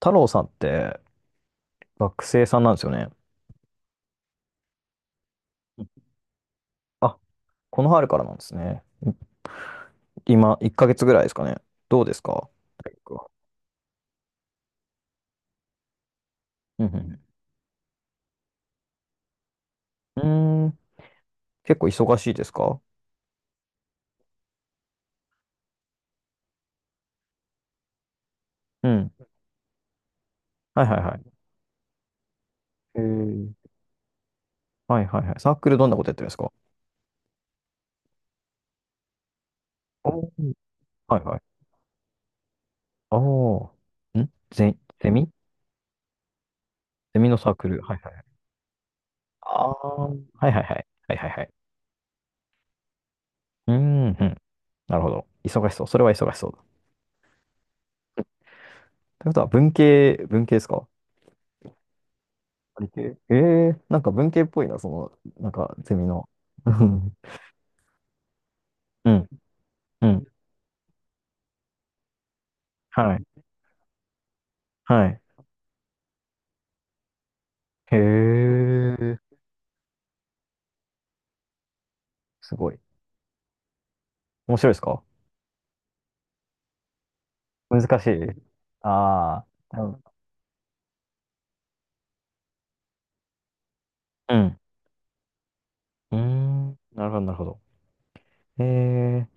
太郎さんって学生さんなんですよね。うん。あ、この春からなんですね。今、1ヶ月ぐらいですかね。どうですか？結構。うんうん。うーん。結構忙しいですか？うん。はいはいはい。えー、はいはいはい。サークルどんなことやってるんですか？おー。はいはい。おー。ゼミのサークル。はいはいはい。ああ。はいはいはい。はいはいはい。うーん、うん。なるほど。忙しそう。それは忙しそうだ。ということは、文系、文系ですか？理系。なんか文系っぽいな、なんかゼミの。うん、うん、うん。はい、はい。へえ、すごい。面白いですか？難しい。ああ、うん。うん。うーん、なるほど、なるほど。ええ、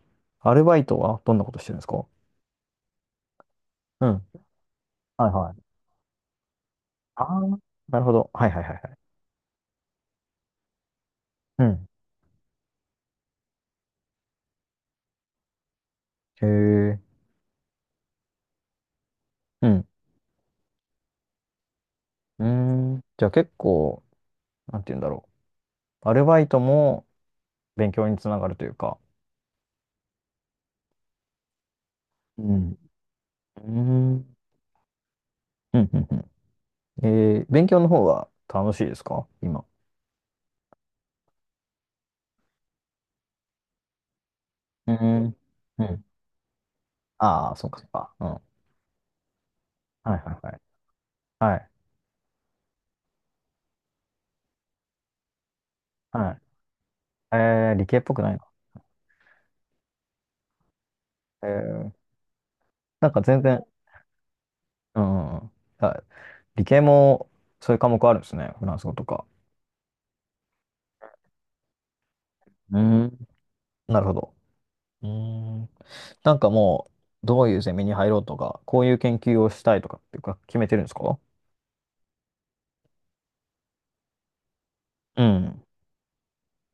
アルバイトはどんなことしてるんですか？うん。はいはい。ああ、なるほど。はいはいはいはい。うん。へえ、うん。うーん。じゃあ結構、なんて言うんだろう。アルバイトも勉強につながるというか。うん。うーん。うんうんうん。ええ、勉強の方は楽しいですか？今。うん。うん。ああ、そうかそうか。うん。はいはいはいはいはい。ええ、理系っぽくないの？ええ、なんか全然。うんうん。あ、理系もそういう科目あるんですね。フランス語とか。うん。なるほど。うん。なんかもう、どういうゼミに入ろうとかこういう研究をしたいとかっていうか決めてるんですか？うん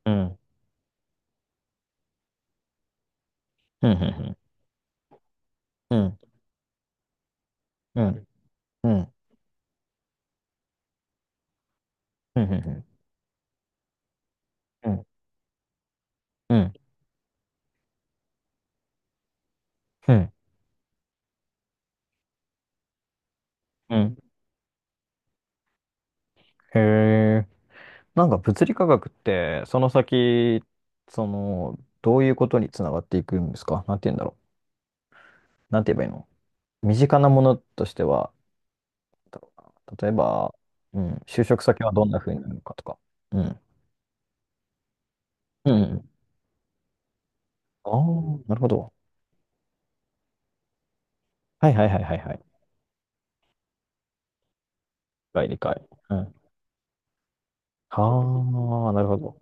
うんうんうんうんうんうんうんうんうんうんうん。へえ、なんか物理科学って、その先、その、どういうことにつながっていくんですか？なんて言うんだろう。なんて言えばいいの？身近なものとしては、た例えば、うん、就職先はどんな風になるのかとか。うん。うん。うん。ああー、なるほど。はいはいはいはいはい。理解。理解。うん。ああ、なるほど。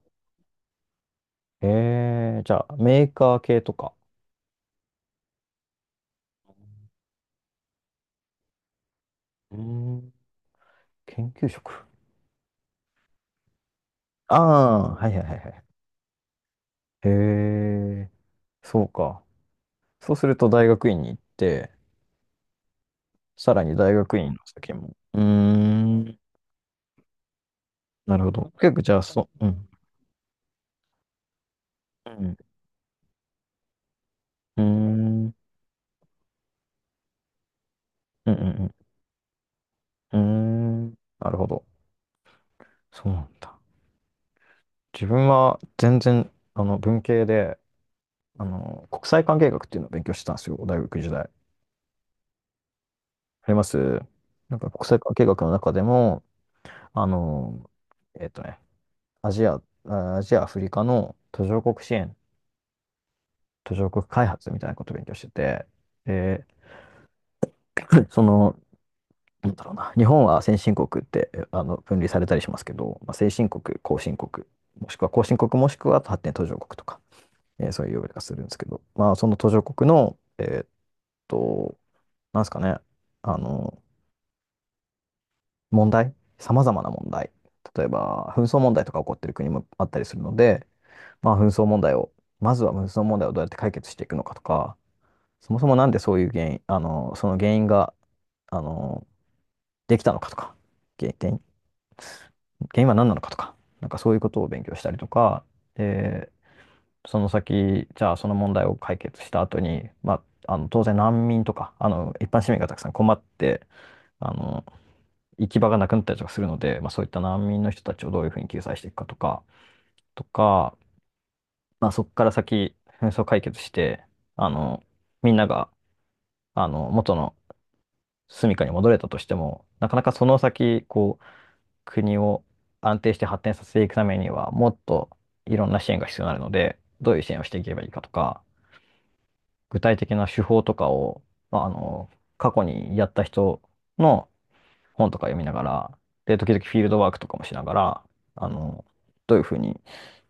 へえ、じゃあ、メーカー系とか。うん。研究職。ああ、はいはいはいはい。へえ、そうか。そうすると大学院に行って、さらに大学院の先も。うーん、なるほど。結構じゃあ、そう、うん。うん。うーん。うんうんうん。うーん。なるほど。そうなんだ。自分は全然、文系で、国際関係学っていうのを勉強してたんですよ、大学時代。あります。なんか国際関係学の中でも、あの、えっとね、アジア、アジア、アフリカの途上国支援、途上国開発みたいなことを勉強してて、で その、なんだろうな、日本は先進国って分類されたりしますけど、まあ、先進国、後進国、もしくは後進国、もしくは発展途上国とか、そういう呼び方するんですけど、まあ、その途上国の、と、なんですかね、あの、問題、さまざまな問題、例えば紛争問題とか起こってる国もあったりするので、まあ、紛争問題を、まずは紛争問題をどうやって解決していくのかとか、そもそもなんでそういう原因、その原因が、あの、できたのかとか、原原原因は何なのかとか、なんかそういうことを勉強したりとか、で、その先、じゃあその問題を解決した後に、まあ、当然難民とか、一般市民がたくさん困って、あの行き場がなくなったりとかするので、まあ、そういった難民の人たちをどういうふうに救済していくかとか、とか、まあ、そこから先、紛争解決して、あのみんなが元の住処に戻れたとしても、なかなかその先、こう、国を安定して発展させていくためには、もっといろんな支援が必要になるので、どういう支援をしていけばいいかとか、具体的な手法とかを、まあ、過去にやった人の本とか読みながら、で、時々フィールドワークとかもしながら、あの、どういうふうに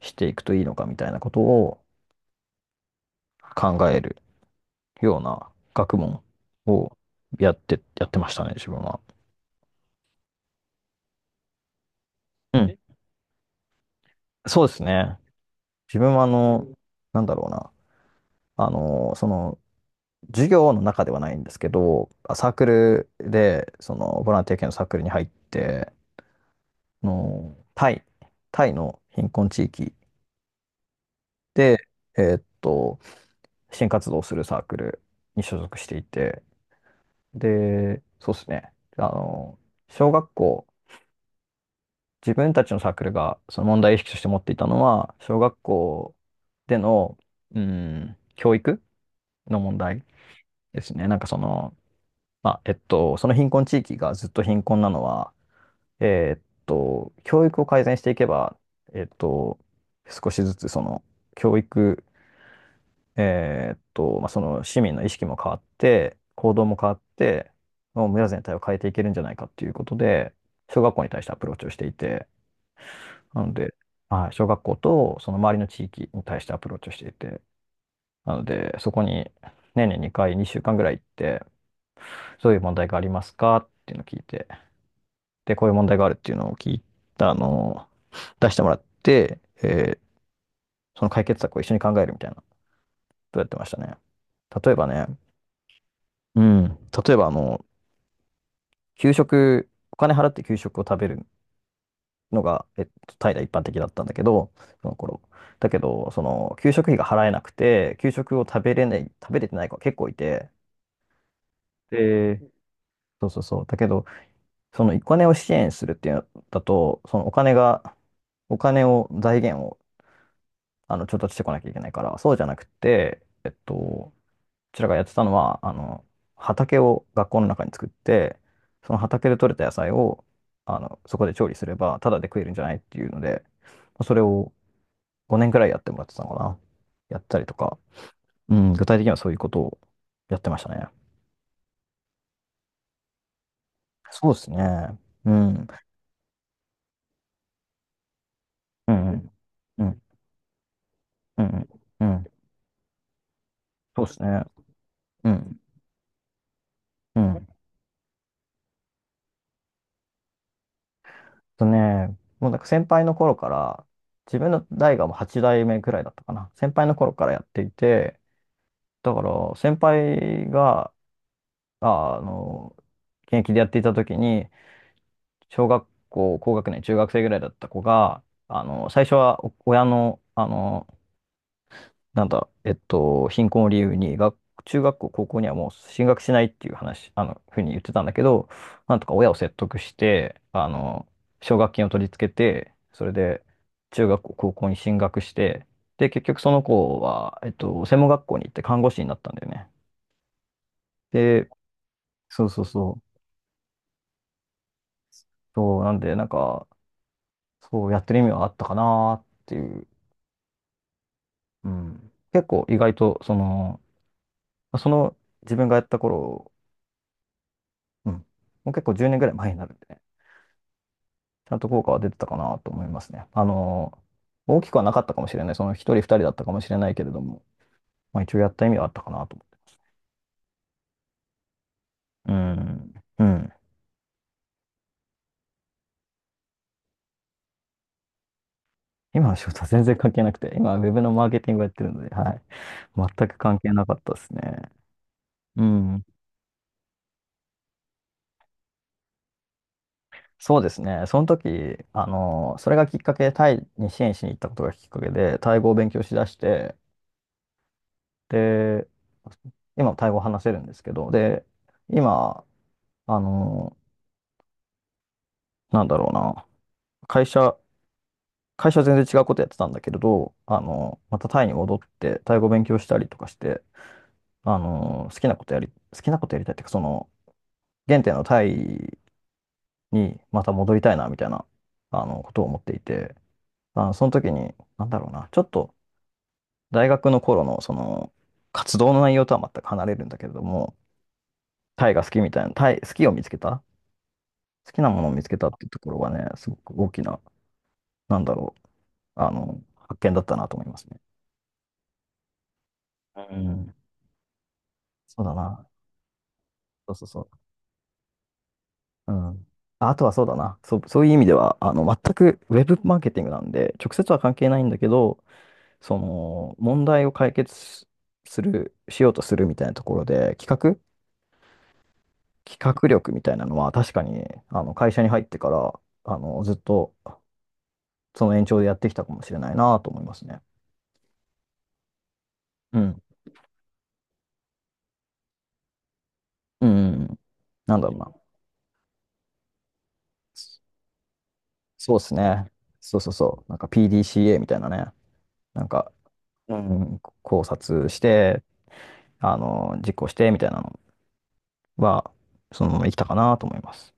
していくといいのかみたいなことを考えるような学問をやって、やってましたね、自分は。うん。そうですね。自分は、なんだろうな。あの、その、授業の中ではないんですけど、サークルで、ボランティア系のサークルに入って、あの、タイ、タイの貧困地域で、えーっと、支援活動をするサークルに所属していて、で、そうですね、小学校、自分たちのサークルが、その問題意識として持っていたのは、小学校での、うん、教育の問題ですね。なんかその、まあ、その貧困地域がずっと貧困なのは、教育を改善していけば、えーっと、少しずつその教育、まあ、その市民の意識も変わって、行動も変わって、もう村全体を変えていけるんじゃないかっていうことで、小学校に対してアプローチをしていて、なので、はい、小学校とその周りの地域に対してアプローチをしていて、なので、そこに年に2回、2週間ぐらい行って、そういう問題がありますかっていうのを聞いて、で、こういう問題があるっていうのを聞いた、出してもらって、その解決策を一緒に考えるみたいなことやってましたね。例えばね、うん、例えば給食、お金払って給食を食べるのが、タイでは一般的だったんだけど、その頃。だけど、給食費が払えなくて、給食を食べれない、食べれてない子が結構いて、で、そうそうそう。だけど、そのお金を支援するっていうのだと、そのお金が、お金を、財源を調達してこなきゃいけないから、そうじゃなくて、こちらがやってたのは、畑を学校の中に作って、その畑で採れた野菜を、そこで調理すれば、ただで食えるんじゃないっていうので、それを5年くらいやってもらってたのかな。やったりとか、うん、具体的にはそういうことをやってましたね。そうですね。うん。うんうん。うん。うん。うん。そうですね。うん。うん。とね、もうなんか先輩の頃から、自分の代がもう8代目くらいだったかな。先輩の頃からやっていて、だから先輩が、あ、あの、現役でやっていた時に、小学校、高学年、中学生ぐらいだった子が、最初はお親の、なんだ、貧困を理由に中学校、高校にはもう進学しないっていう話、ふうに言ってたんだけど、なんとか親を説得して、奨学金を取り付けて、それで中学校、高校に進学して、で、結局その子は、専門学校に行って看護師になったんだよね。で、そうそうそう。そう、なんで、なんか、そうやってる意味はあったかなっていう。うん。結構意外と、その自分がやった頃、うん、もう結構10年ぐらい前になるんでね、ちゃんと効果は出てたかなと思いますね。大きくはなかったかもしれない。その一人二人だったかもしれないけれども、まあ一応やった意味はあったかなと思って。うん。うん。今の仕事は全然関係なくて、今はウェブのマーケティングをやってるので、はい。全く関係なかったですね。うん。そうですね。その時、それがきっかけでタイに支援しに行ったことがきっかけで、タイ語を勉強しだして、で、今もタイ語を話せるんですけど、で、今、あの、なんだろうな、会社、会社は全然違うことやってたんだけれど、またタイに戻って、タイ語勉強したりとかして、あの、好きなことやり、好きなことやりたいっていうか、その、原点のタイにまた戻りたいな、みたいな、ことを思っていて、その時に、なんだろうな、ちょっと大学の頃の、その、活動の内容とは全く離れるんだけれども、タイが好きみたいな、タイ、好きを見つけた、好きなものを見つけたっていうところがね、すごく大きな、なんだろう、発見だったなと思いますね。うん、そうだな。そうそうそう。うん。あとはそうだな。そう、そういう意味では、全くウェブマーケティングなんで、直接は関係ないんだけど、その、問題を解決ししようとするみたいなところで、企画力みたいなのは、確かに、会社に入ってから、ずっと、その延長でやってきたかもしれないなと思いますね。うん。うん。なんだろうな。そうですね。そうそうそう。なんか PDCA みたたいなね。なんか、うん、考察して、実行してみたいなのは、そのまま生きたかなと思います。